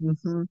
Ujú.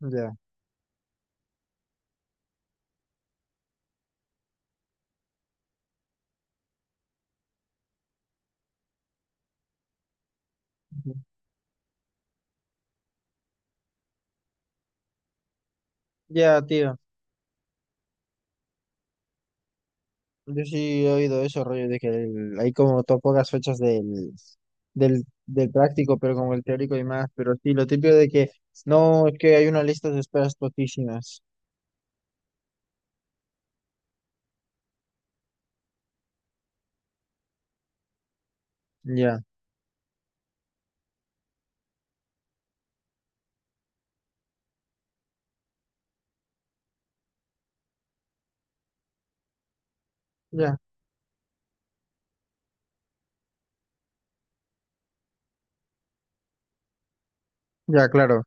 Ya, ujú. Ya, tío. Yo sí he oído eso, rollo, de que hay como pocas fechas del práctico, pero como el teórico y más. Pero sí, lo típico de que no, es que hay una lista de esperas poquísimas. Ya, ya, ya, claro.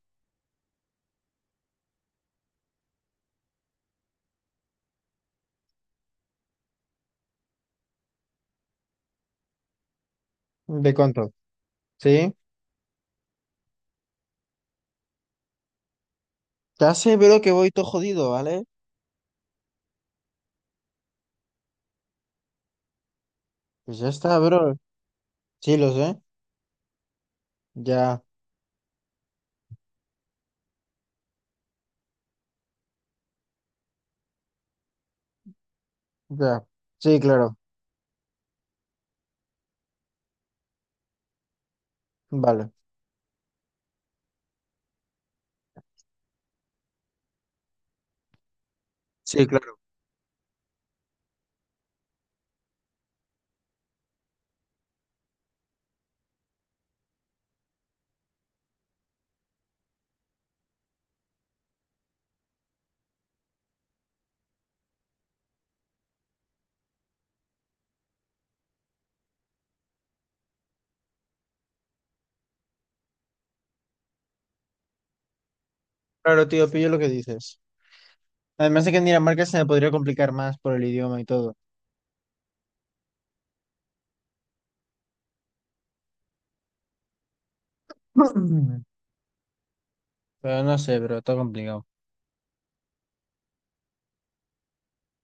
¿De cuánto? ¿Sí? Ya sé, bro, que voy todo jodido, ¿vale? Pues ya está, bro. Sí, lo sé. Ya, ya. Sí, claro. Vale. Sí, claro. Claro, tío, pillo lo que dices. Además de que en Dinamarca se me podría complicar más por el idioma y todo. Pero no sé, pero está complicado.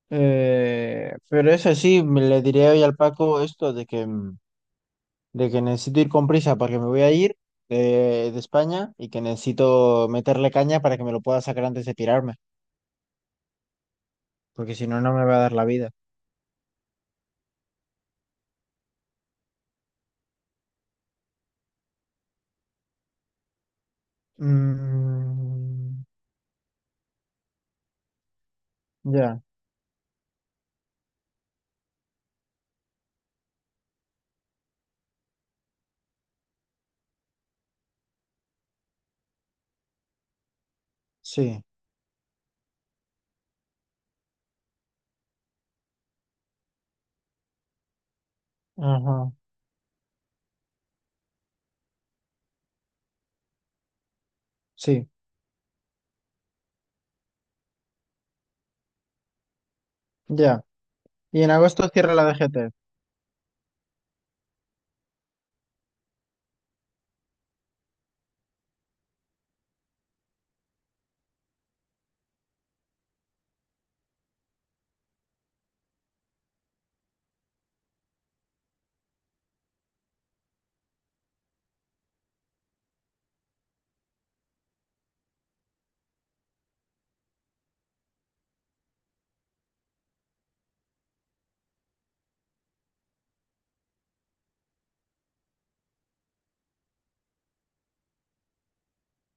Pero eso sí, me le diré hoy al Paco esto de que, de que necesito ir con prisa porque me voy a ir de España y que necesito meterle caña para que me lo pueda sacar antes de pirarme, porque si no, no me va a dar la vida. Mm, ya, sí, ajá, sí, ya. Y en agosto cierra la DGT,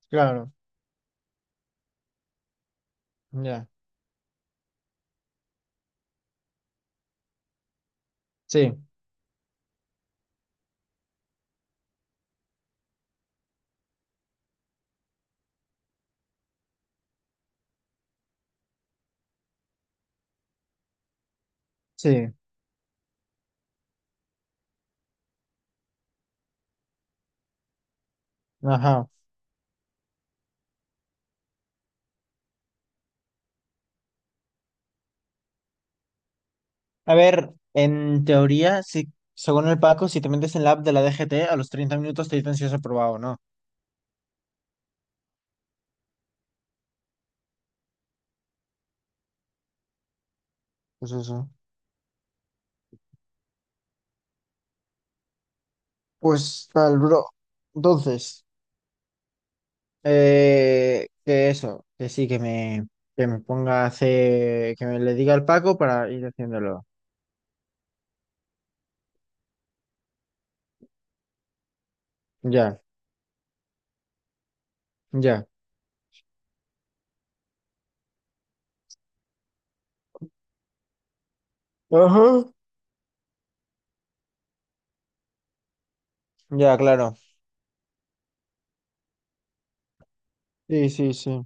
claro, ya, sí, sí, ajá. A ver, en teoría, si, según el Paco, si te metes en la app de la DGT, a los treinta minutos te dicen si has aprobado o no. Pues eso. Pues tal, bro. Entonces, que eso, que sí, que me ponga a hacer, que me le diga al Paco para ir haciéndolo. Ya, ya. Ajá. Ya, claro. Sí, sí, sí.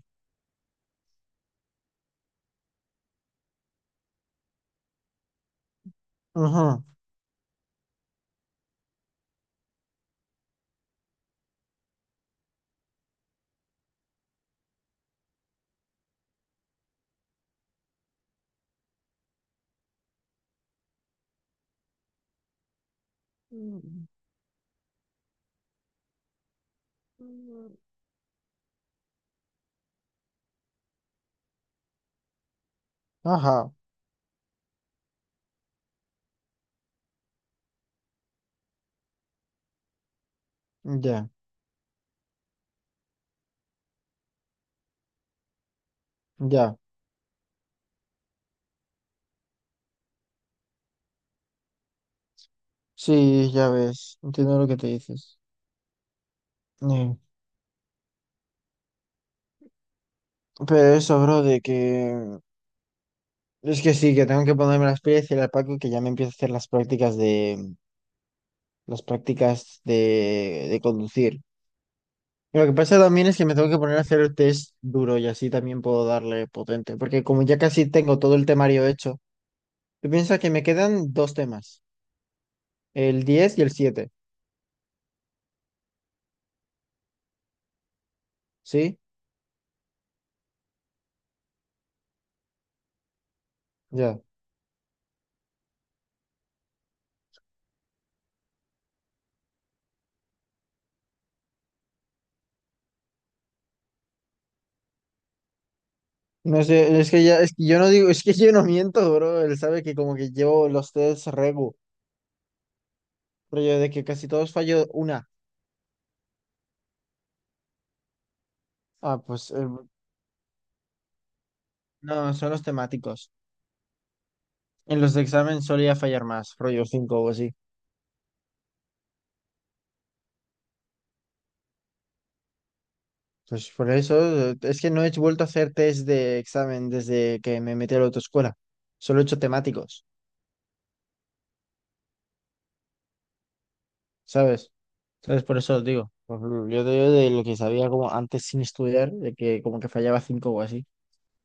Ajá. Ajá. Ya, ya. Sí, ya ves. Entiendo lo que te dices. Eh, Pero eso, bro, de que es que sí, que tengo que ponerme las pilas y el Paco que ya me empiezo a hacer las prácticas de de conducir. Y lo que pasa también es que me tengo que poner a hacer el test duro y así también puedo darle potente, porque como ya casi tengo todo el temario hecho, tú piensas que me quedan dos temas, el 10 y el siete. ¿Sí? Ya. No sé, es que ya, es que yo no digo, es que yo no miento, bro, él sabe que como que llevo los tests regu, pero yo de que casi todos fallo una. Ah, pues no, son los temáticos. En los de examen solía fallar más, rollo 5 o así. Pues por eso, es que no he vuelto a hacer test de examen desde que me metí a la autoescuela. Solo he hecho temáticos, ¿sabes? Entonces por eso os digo. Por Yo te digo de lo que sabía como antes sin estudiar, de que como que fallaba 5 o así.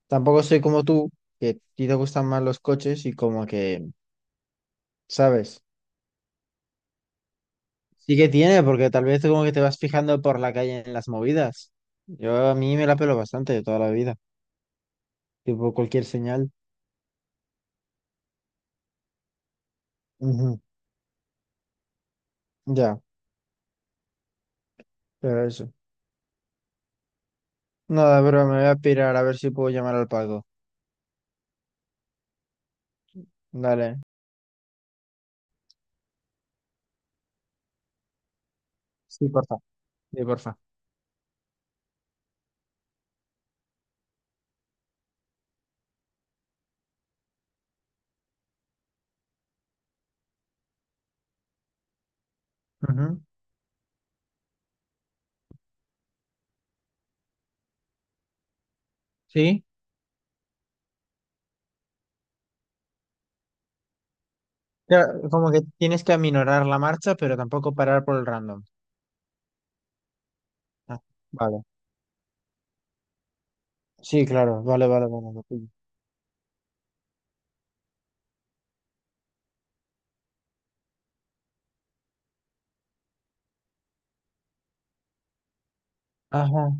Tampoco soy como tú, que a ti te gustan más los coches y como que, ¿sabes? Sí que tiene, porque tal vez tú como que te vas fijando por la calle en las movidas. Yo a mí me la pelo bastante de toda la vida, tipo cualquier señal. Ujú. Ya, pero eso. Nada, bro, me voy a pirar a ver si puedo llamar al Paco. Dale. Sí, porfa. Sí, porfa. Ujú. Sí, claro, como que tienes que aminorar la marcha, pero tampoco parar por el random. Ah, vale. Sí, claro, vale, vale, vale, lo pillo. Ajá,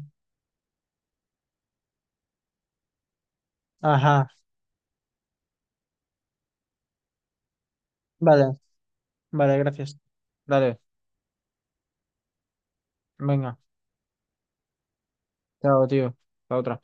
ajá. Vale, vale, gracias. Dale, venga. Chao, tío. La otra.